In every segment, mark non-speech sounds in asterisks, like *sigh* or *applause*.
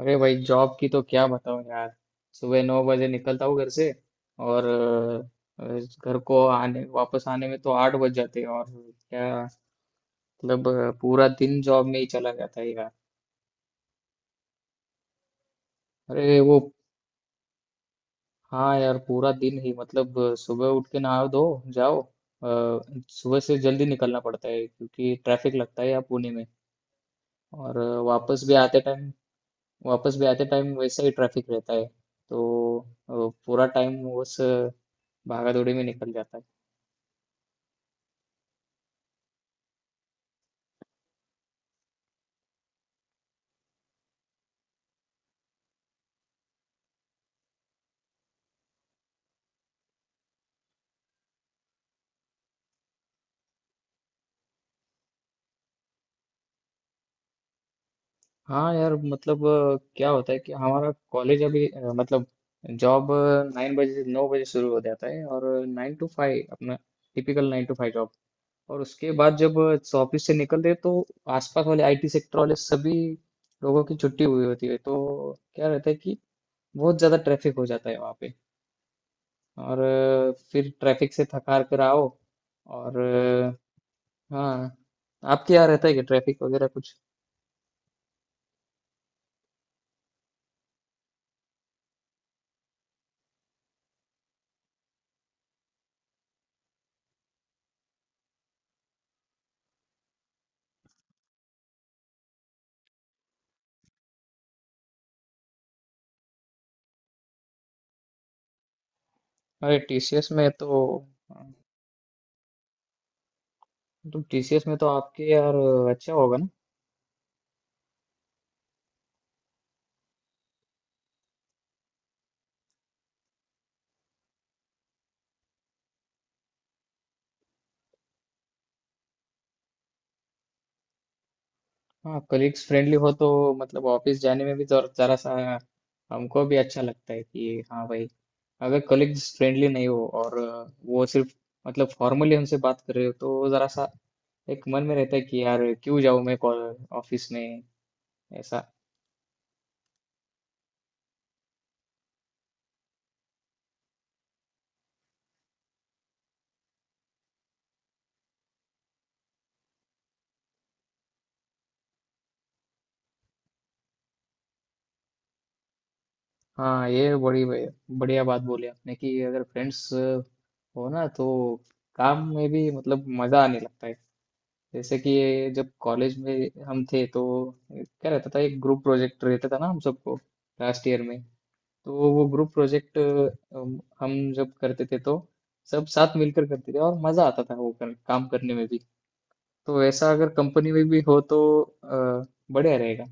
अरे भाई जॉब की तो क्या बताऊं यार। सुबह 9 बजे निकलता हूँ घर से और अ, घर को आने वापस आने में तो 8 बज जाते हैं और क्या। मतलब पूरा दिन जॉब में ही चला जाता है यार। अरे वो, हाँ यार पूरा दिन ही मतलब सुबह उठ के नहा धो जाओ। सुबह से जल्दी निकलना पड़ता है क्योंकि ट्रैफिक लगता है यहाँ पुणे में। और वापस भी आते टाइम, वापस भी आते टाइम वैसे ही ट्रैफिक रहता है। तो अ, पूरा टाइम उस भागा दौड़ी में निकल जाता है। हाँ यार मतलब क्या होता है कि हमारा कॉलेज अभी मतलब जॉब नाइन बजे से 9 बजे शुरू हो जाता है। और 9 to 5, अपना टिपिकल 9 to 5 जॉब। और उसके बाद जब ऑफिस से निकलते हैं तो आसपास वाले आईटी सेक्टर वाले सभी लोगों की छुट्टी हुई होती है, तो क्या रहता है कि बहुत ज्यादा ट्रैफिक हो जाता है वहाँ पे। और फिर ट्रैफिक से थक हार कर आओ। और हाँ। आपके यहाँ रहता है कि ट्रैफिक वगैरह कुछ? अरे टीसीएस में तो, हाँ, तो टीसीएस में तो आपके यार अच्छा होगा ना। हाँ कलीग्स फ्रेंडली हो तो मतलब ऑफिस जाने में भी जरा सा हमको भी अच्छा लगता है कि हाँ भाई। अगर कलीग्स फ्रेंडली नहीं हो और वो सिर्फ मतलब फॉर्मली हमसे बात कर रहे हो तो जरा सा एक मन में रहता है कि यार क्यों जाऊँ मैं ऑफिस में ऐसा। हाँ ये बड़ी बढ़िया बात बोली आपने कि अगर फ्रेंड्स हो ना तो काम में भी मतलब मजा आने लगता है। जैसे कि ये जब कॉलेज में हम थे तो क्या रहता था, एक ग्रुप प्रोजेक्ट रहता था ना हम सबको लास्ट ईयर में। तो वो ग्रुप प्रोजेक्ट हम जब करते थे तो सब साथ मिलकर करते थे और मजा आता था वो काम करने में भी। तो ऐसा अगर कंपनी में भी हो तो अ, बढ़िया रहेगा।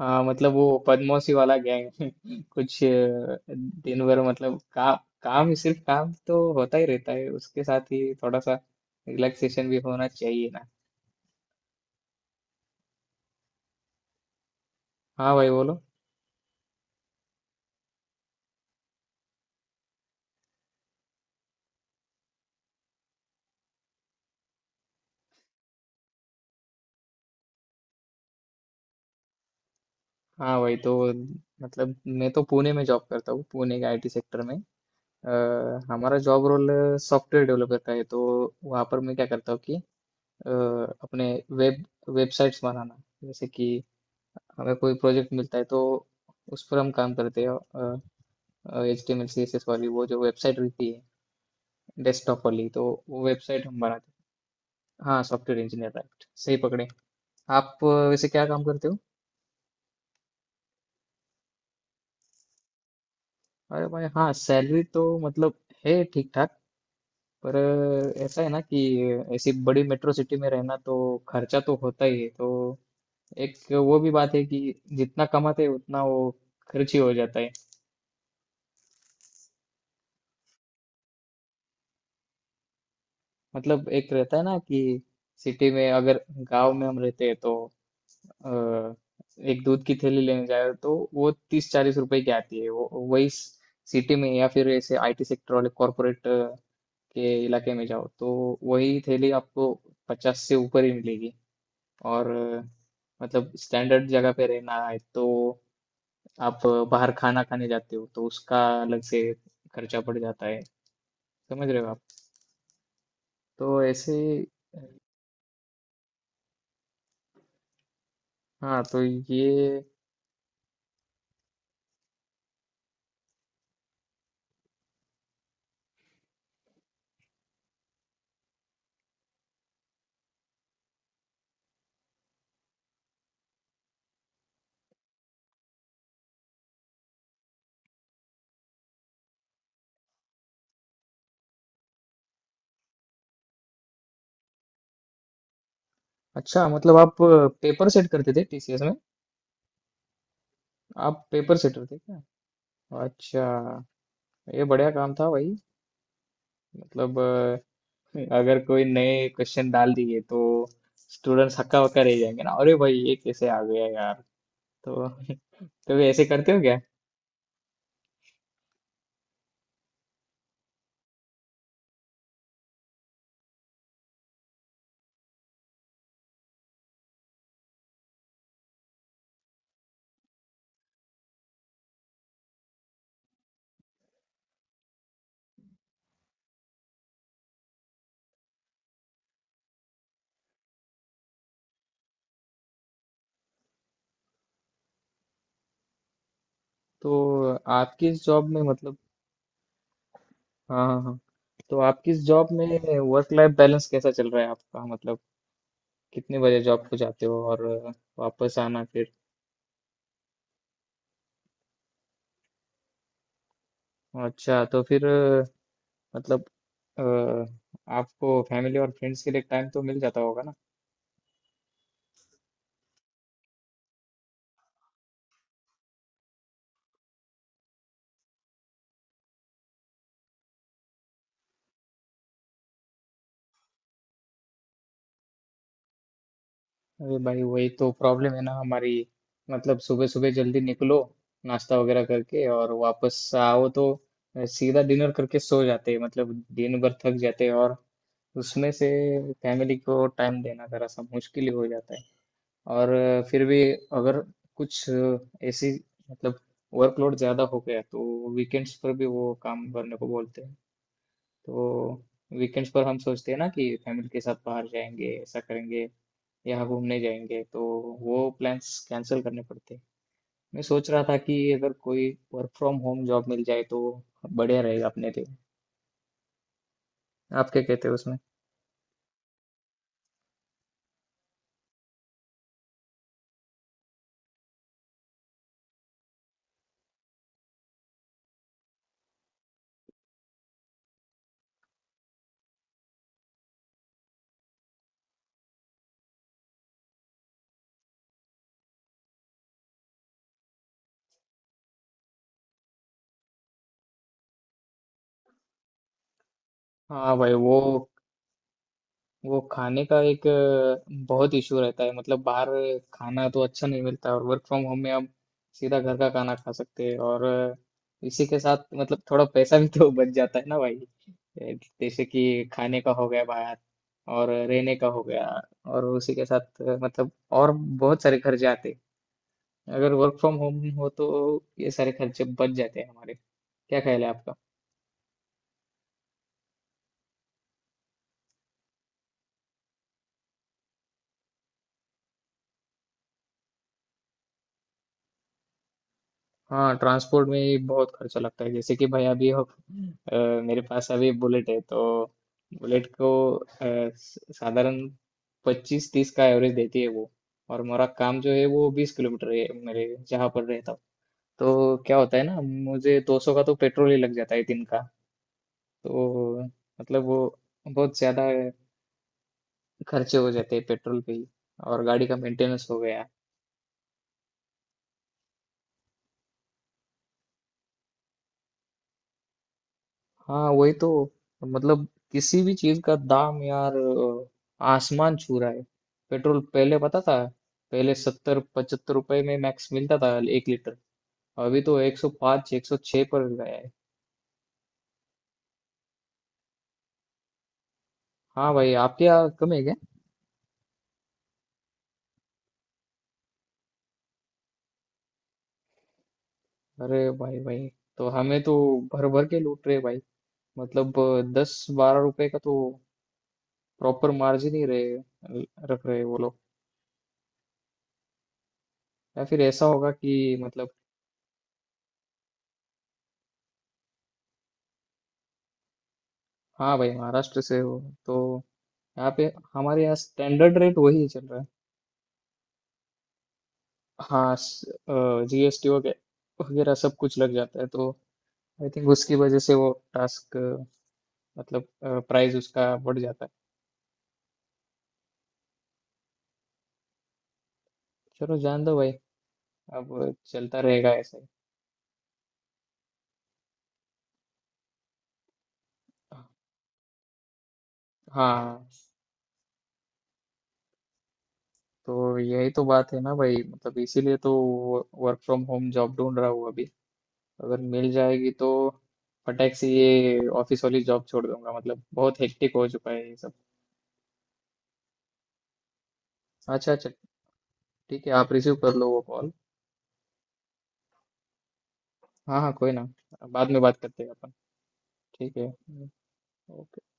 हाँ मतलब वो बदमाशी वाला गैंग *laughs* कुछ दिन भर मतलब काम काम सिर्फ काम तो होता ही रहता है, उसके साथ ही थोड़ा सा रिलैक्सेशन भी होना चाहिए ना। हाँ भाई बोलो। हाँ भाई तो मतलब मैं तो पुणे में जॉब करता हूँ, पुणे के आईटी सेक्टर में। अ, हमारा जॉब रोल सॉफ्टवेयर डेवलपर का है। तो वहाँ पर मैं क्या करता हूँ कि अ, अपने वेब वेबसाइट्स बनाना। जैसे कि हमें कोई प्रोजेक्ट मिलता है तो उस पर हम काम करते हैं। HTML CSS वाली वो जो वेबसाइट रहती है डेस्कटॉप वाली, तो वो वेबसाइट हम बनाते हैं। हाँ सॉफ्टवेयर इंजीनियर राइट, सही पकड़े। आप वैसे क्या काम करते हो? अरे भाई हाँ सैलरी तो मतलब है ठीक ठाक। पर ऐसा है ना कि ऐसी बड़ी मेट्रो सिटी में रहना तो खर्चा तो होता ही है, तो एक वो भी बात है कि जितना कमाते हैं उतना वो खर्च ही हो जाता है। मतलब एक रहता है ना कि सिटी में अगर, गांव में हम रहते हैं तो अ, एक दूध की थैली लेने जाए तो वो 30-40 रुपए की आती है। वो वही सिटी में या फिर ऐसे आईटी सेक्टर वाले कॉरपोरेट के इलाके में जाओ तो वही थैली आपको 50 से ऊपर ही मिलेगी। और मतलब स्टैंडर्ड जगह पे रहना है तो आप बाहर खाना खाने जाते हो तो उसका अलग से खर्चा पड़ जाता है। समझ रहे हो आप? तो ऐसे, हाँ तो ये। अच्छा मतलब आप पेपर सेट करते थे टीसीएस में? आप पेपर सेटर थे क्या? अच्छा ये बढ़िया काम था भाई। मतलब अगर कोई नए क्वेश्चन डाल दिए तो स्टूडेंट्स हक्का बक्का रह जाएंगे ना, अरे भाई ये कैसे आ गया यार। तो *laughs* तो ये ऐसे करते हो क्या? तो आप किस जॉब में मतलब, हाँ हाँ हाँ, तो आप किस जॉब में वर्क लाइफ बैलेंस कैसा चल रहा है आपका, मतलब कितने बजे जॉब को जाते हो और वापस आना फिर? अच्छा तो फिर मतलब अ, आपको फैमिली और फ्रेंड्स के लिए टाइम तो मिल जाता होगा ना? अरे भाई वही तो प्रॉब्लम है ना हमारी। मतलब सुबह सुबह जल्दी निकलो नाश्ता वगैरह करके, और वापस आओ तो सीधा डिनर करके सो जाते हैं। मतलब दिन भर थक जाते हैं और उसमें से फैमिली को टाइम देना जरा सा मुश्किल ही हो जाता है। और फिर भी अगर कुछ ऐसी मतलब वर्कलोड ज़्यादा हो गया तो वीकेंड्स पर भी वो काम करने को बोलते हैं। तो वीकेंड्स पर हम सोचते हैं ना कि फैमिली के साथ बाहर जाएंगे, ऐसा करेंगे, यहाँ घूमने जाएंगे, तो वो प्लान्स कैंसिल करने पड़ते हैं। मैं सोच रहा था कि अगर कोई वर्क फ्रॉम होम जॉब मिल जाए तो बढ़िया रहेगा अपने लिए। आप क्या कहते हो उसमें? हाँ भाई वो, खाने का एक बहुत इशू रहता है मतलब, बाहर खाना तो अच्छा नहीं मिलता, और वर्क फ्रॉम होम में हम सीधा घर का खाना खा सकते हैं। और इसी के साथ मतलब थोड़ा पैसा भी तो बच जाता है ना भाई। जैसे कि खाने का हो गया बाहर, और रहने का हो गया, और उसी के साथ मतलब और बहुत सारे खर्चे आते हैं। अगर वर्क फ्रॉम होम हो तो ये सारे खर्चे बच जाते हैं हमारे। क्या ख्याल है आपका? हाँ ट्रांसपोर्ट में ही बहुत खर्चा लगता है। जैसे कि भाई अभी अ, मेरे पास अभी बुलेट है तो बुलेट को साधारण 25-30 का एवरेज देती है वो। और मेरा काम जो है वो 20 किलोमीटर है मेरे जहाँ पर रहता हूँ। तो क्या होता है ना मुझे 200 का तो पेट्रोल ही लग जाता है दिन का। तो मतलब वो बहुत ज्यादा खर्चे हो जाते हैं पेट्रोल पे ही, और गाड़ी का मेंटेनेंस हो गया। हाँ वही तो, मतलब किसी भी चीज का दाम यार आसमान छू रहा है। पेट्रोल पहले पता था, पहले 70-75 रुपए में मैक्स मिलता था 1 लीटर। अभी तो 105 106 पर गया है। हाँ भाई आपके यहाँ कम है क्या? अरे भाई भाई, तो हमें तो भर भर के लूट रहे भाई। मतलब 10-12 रुपए का तो प्रॉपर मार्जिन ही रहे रख रहे वो लोग। या फिर ऐसा होगा कि मतलब, हाँ भाई महाराष्ट्र से हो, तो यहाँ पे हमारे यहाँ स्टैंडर्ड रेट वही चल रहा है। हाँ जीएसटी वगैरह वगैरह सब कुछ लग जाता है तो आई थिंक उसकी वजह से वो टास्क मतलब प्राइस उसका बढ़ जाता है। चलो जान दो भाई, अब चलता रहेगा ऐसे ही। हाँ तो यही तो बात है ना भाई, मतलब इसीलिए तो वर्क फ्रॉम होम जॉब ढूंढ रहा हूँ अभी। अगर मिल जाएगी तो फटाक से ये ऑफिस वाली जॉब छोड़ दूंगा, मतलब बहुत हेक्टिक हो चुका है ये सब। अच्छा अच्छा, ठीक है आप रिसीव कर लो वो कॉल। हाँ हाँ कोई ना, बाद में बात करते हैं अपन। ठीक है। ओके।